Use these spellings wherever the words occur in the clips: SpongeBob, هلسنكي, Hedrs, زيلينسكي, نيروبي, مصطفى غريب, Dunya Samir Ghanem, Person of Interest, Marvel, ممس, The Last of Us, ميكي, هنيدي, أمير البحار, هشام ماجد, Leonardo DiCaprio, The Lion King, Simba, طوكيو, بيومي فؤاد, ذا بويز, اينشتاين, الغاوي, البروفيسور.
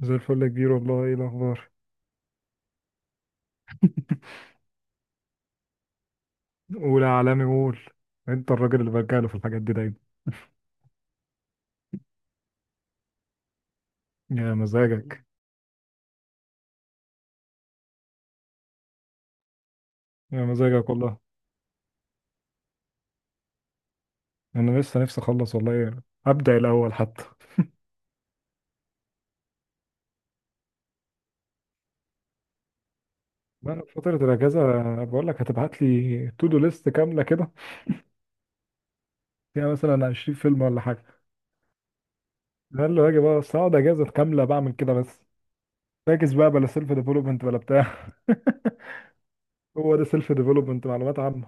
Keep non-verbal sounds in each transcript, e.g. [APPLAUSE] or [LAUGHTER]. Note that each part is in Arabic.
زي الفل يا كبير، والله ايه الاخبار؟ قول يا عالمي قول. انت الراجل اللي برجع له في الحاجات دي دايما. يا مزاجك. يا مزاجك والله. انا لسه نفسي اخلص والله، ابدا الاول حتى. انا في فتره الاجازه بقول لك، هتبعت لي تو دو ليست كامله كده فيها مثلا 20 فيلم ولا حاجه. ده اللي هاجي بقى، بس اقعد اجازه كامله بعمل كده بس. فاكس بقى بلا سيلف ديفلوبمنت ولا بتاع. [LAUGHS] هو ده سيلف ديفلوبمنت، معلومات عامه.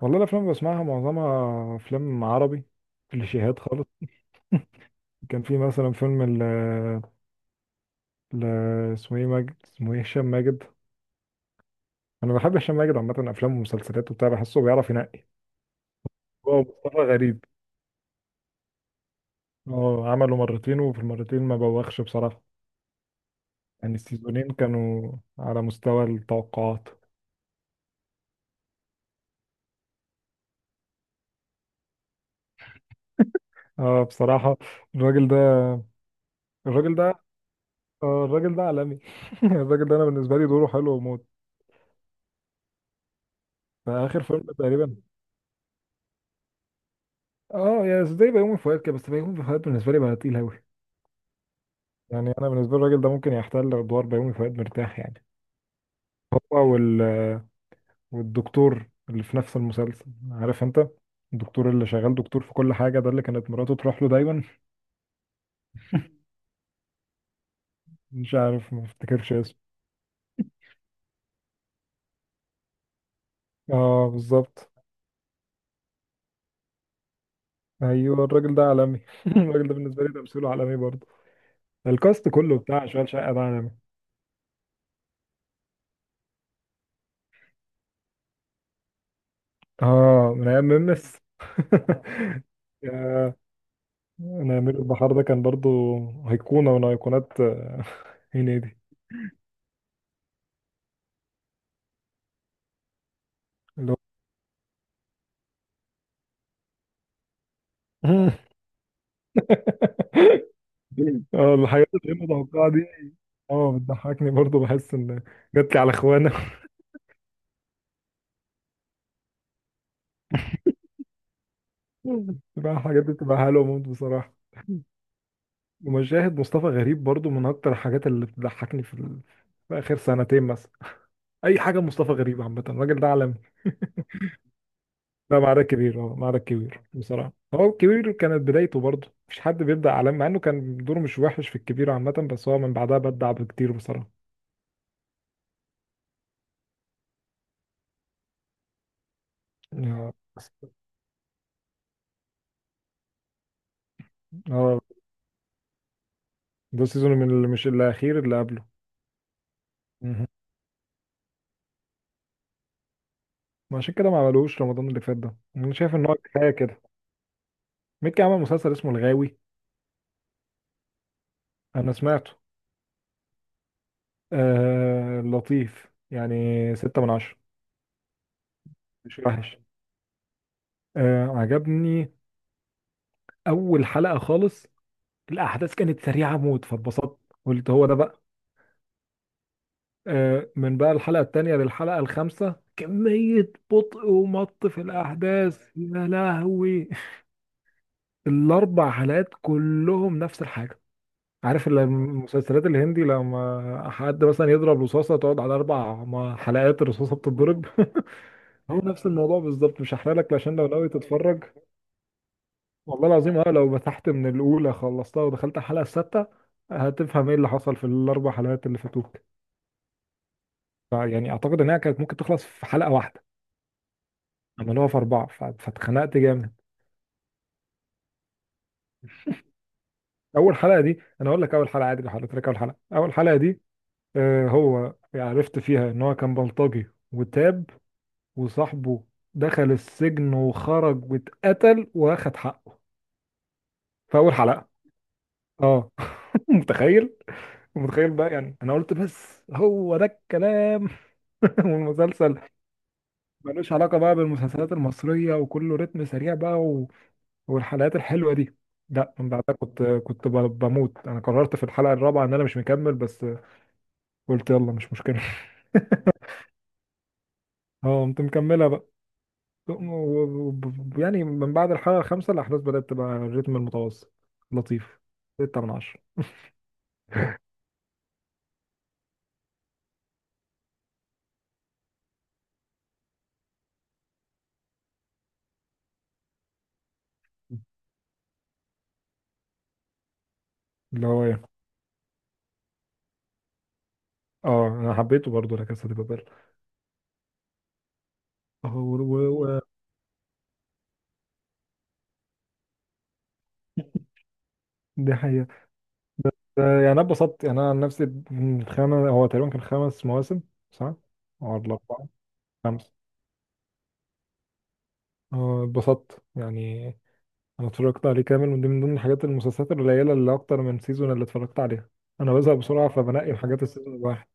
والله الافلام اللي بسمعها معظمها افلام عربي، كليشيهات خالص. كان في مثلا فيلم ل... اسمه ايه ماجد، اسمه ايه، هشام ماجد. انا بحب هشام ماجد عامه، افلامه ومسلسلاته وبتاع، بحسه بيعرف ينقي. هو مصطفى غريب. اه عمله مرتين وفي المرتين ما بوخش بصراحه. يعني السيزونين كانوا على مستوى التوقعات. اه بصراحه. الراجل ده الراجل ده الراجل ده عالمي. [LAUGHS] الراجل ده انا بالنسبه لي دوره حلو وموت. في اخر فيلم تقريبا. اه يا زي بيومي فؤاد كده، بس بيومي فؤاد بالنسبه لي بقى تقيل قوي. يعني انا بالنسبه لي الراجل ده ممكن يحتل ادوار بيومي فؤاد مرتاح يعني. وال- والدكتور اللي في نفس المسلسل، عارف انت، الدكتور اللي شغال دكتور في كل حاجة، ده اللي كانت مراته تروح له دايما. مش عارف، ما افتكرش اسمه. اه بالظبط. ايوه الراجل ده عالمي. [LAUGHS] الراجل ده بالنسبة لي تمثيله عالمي برضه. الكاست كله بتاع شغال شقة ده عالمي. اه من ايام ممس. [LAUGHS] يا... انا امير البحار ده كان برضه ايقونة من ايقونات هنيدي. اللي هو... [LAUGHS] اه الحياة غير متوقعة دي. اه بتضحكني برضه، بحس ان جات لي على اخوانا. [LAUGHS] بتبقى الحاجات دي بتبقى حلوه موت بصراحه. ومشاهد مصطفى غريب برضه من اكتر الحاجات اللي بتضحكني في اخر سنتين مثلا. اي حاجه مصطفى غريب عامه، الراجل ده عالمي. لا، معركة كبير. اه معركة كبير بصراحه. هو الكبير كانت بدايته برضه مش حد بيبدا عالمي، مع انه كان دوره مش وحش في الكبير عامه، بس هو من بعدها بدع بكتير بصراحه. اه بس- اه ده سيزون من اللي مش الاخير، اللي قبله. مهم. ما عشان كده ما عملوش رمضان اللي فات ده، انا شايف ان هو كفايه كده. ميكي عمل مسلسل اسمه الغاوي. انا سمعته. آه لطيف يعني. ستة من عشرة. مش وحش. آه عجبني اول حلقة خالص، الاحداث كانت سريعة موت فاتبسطت، قلت هو ده بقى. آه، من بقى الحلقة التانية للحلقة الخامسة كمية بطء ومط في الاحداث يا لهوي. [LAUGHS] الاربع حلقات كلهم نفس الحاجة. عارف المسلسلات الهندي، لما حد مثلا يضرب رصاصة تقعد على أربع حلقات الرصاصة بتتضرب. [LAUGHS] هو نفس الموضوع بالظبط، مش هحرق لك عشان لو ناوي تتفرج. والله العظيم، اه لو مسحت من الاولى خلصتها ودخلت على الحلقه السادسه هتفهم ايه اللي حصل في الاربع حلقات اللي فاتوك. فيعني اعتقد انها كانت ممكن تخلص في حلقه واحده، عملوها في اربعه فاتخنقت جامد. اول حلقه دي انا اقول لك، اول حلقه عادي لو حضرتك، اول حلقه دي. آه هو يعني عرفت فيها ان هو كان بلطجي وتاب، وصاحبه دخل السجن وخرج واتقتل واخد حقه، في اول حلقه. اه [LAUGHS] متخيل؟ ومتخيل بقى، يعني انا قلت بس هو ده الكلام. [LAUGHS] والمسلسل ملوش علاقه بقى بالمسلسلات المصريه، وكله رتم سريع بقى و... والحلقات الحلوه دي. لا من بعدها بموت. انا قررت في الحلقه الرابعه ان انا مش مكمل، بس قلت يلا مش مشكله. [LAUGHS] اه قمت مكملها بقى، و- و- يعني من بعد الحلقه الخامسه الاحداث بدات تبقى الريتم المتوسط، لطيف. 6 من 10. اللي هو ايه؟ اه انا حبيته برضه، لا كاسا دي بابل. اه و- و- و- دي حقيقة. آه، يعني انا اتبسطت، يعني انا عن نفسي. الخامس هو تقريبا كان خمس مواسم، صح؟ او الاربعه. خمسه. آه، اتبسطت يعني. انا اتفرجت عليه كامل، ودي من ضمن الحاجات المسلسلات القليله اللي اكتر من سيزون اللي اتفرجت عليها. انا بزهق بسرعه، فبنقي الحاجات السيزون الواحد.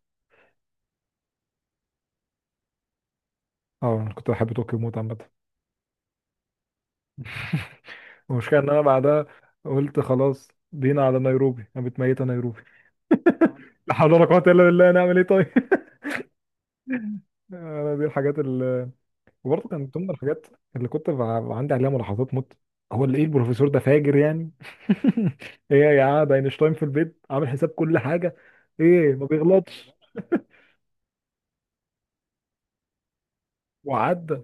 اه انا كنت بحب طوكيو موت عامه. [LAUGHS] المشكله ان انا بعدها قلت خلاص بينا على نيروبي، انا متميت على نيروبي. لا حول ولا قوه الا بالله، نعمل ايه طيب. [LAUGHS] انا دي الحاجات. وبرضه كان ضمن الحاجات اللي عندي عليها ملاحظات موت، هو اللي ايه، البروفيسور ده فاجر يعني. [LAUGHS] ايه يا عاد، اينشتاين في البيت عامل حساب كل حاجه، ايه ما بيغلطش وعدى.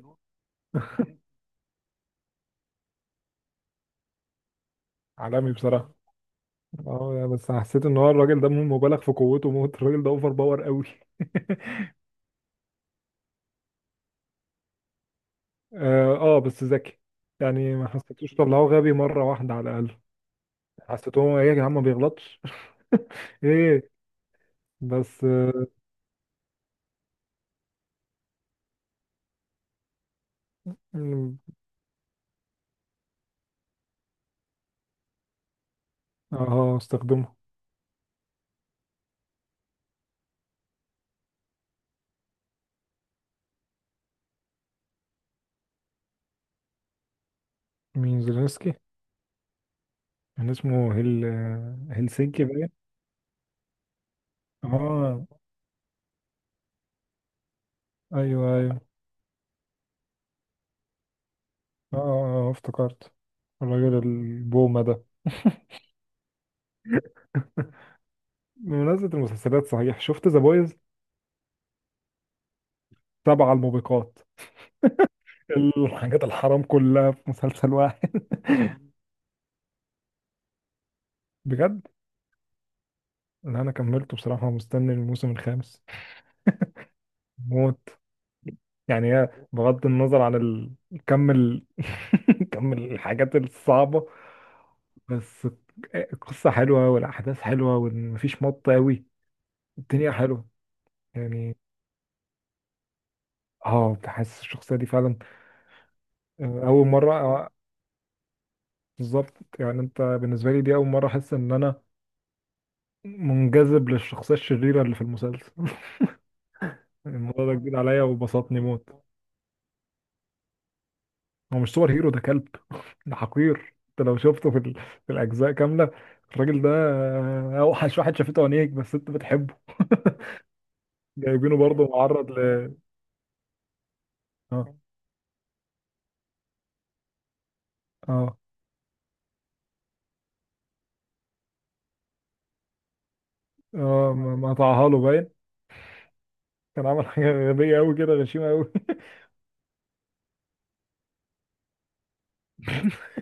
عالمي بصراحه. اه يعني بس حسيت ان هو الراجل ده مبالغ في قوته موت، الراجل ده اوفر باور قوي. [LAUGHS] اه آه، بس ذكي. يعني ما حسيتوش طلعوه غبي مره واحده على الاقل. حسيتهم ايه، يا جدعان ما بيغلطش. [LAUGHS] ايه. بس اه. آه، استخدمه. مين، زيلينسكي؟ كان اسمه هل... هلسنكي باين. اه ايوه ايوه. اه آه، آه، آه، افتكرت. الراجل البومة ده. [LAUGHS] بمناسبة المسلسلات، صحيح شفت ذا بويز؟ سبع الموبقات. الحاجات الحرام كلها في مسلسل واحد. [LAUGHS] بجد. لا انا كملته بصراحة، مستني الموسم الخامس موت. يعني هي بغض النظر عن ال... كم ال... [LAUGHS] كم الحاجات الصعبة، بس القصة حلوة والأحداث حلوة ومفيش مط أوي. الدنيا حلوة. يعني اه تحس الشخصية دي فعلا. آه، أول مرة آه، بالظبط. يعني أنت بالنسبة لي دي أول مرة أحس إن أنا منجذب للشخصية الشريرة اللي في المسلسل. [LAUGHS] الموضوع ده جديد عليا وبسطني موت. هو مش سوبر هيرو، ده كلب. [LAUGHS] ده حقير، أنت لو شفته في الأجزاء كاملة، الراجل ده آه، أوحش واحد شافته عينيك، بس أنت بتحبه. [LAUGHS] جايبينه برضه معرض ل... اه اه اه ما قطعها له باين. كان عمل حاجة غبية أوي كده، غشيمة أوي. [LAUGHS]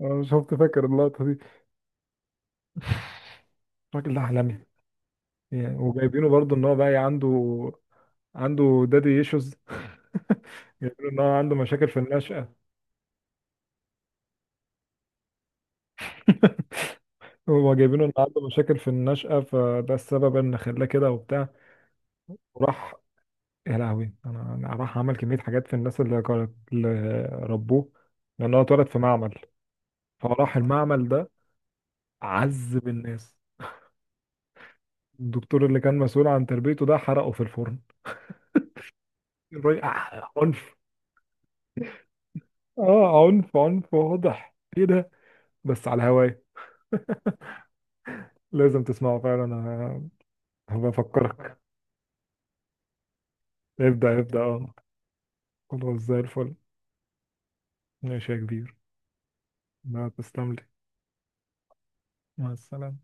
أنا مش شفت، فاكر اللقطة دي. الراجل ده عالمي. يعني وجايبينه برضه ان هو بقى عنده دادي ايشوز. [LAUGHS] جايبينه ان هو عنده مشاكل في النشأة. [LAUGHS] هو جايبينه ان عنده مشاكل في النشأة، فده السبب ان خلاه كده وبتاع. وراح، يا لهوي، انا أنا راح عمل كمية حاجات في الناس اللي ربوه، لان هو اتولد في معمل. فراح المعمل ده عذب الناس. الدكتور اللي كان مسؤول عن تربيته ده حرقه في الفرن. آه، عنف. اه عنف عنف واضح، ايه ده. بس على هواي. لازم تسمعه فعلا انا. هبقى افكرك. ابدأ ابدأ اه. خلاص زي الفل. ماشي يا كبير. ما تسلم لي. مع السلامة.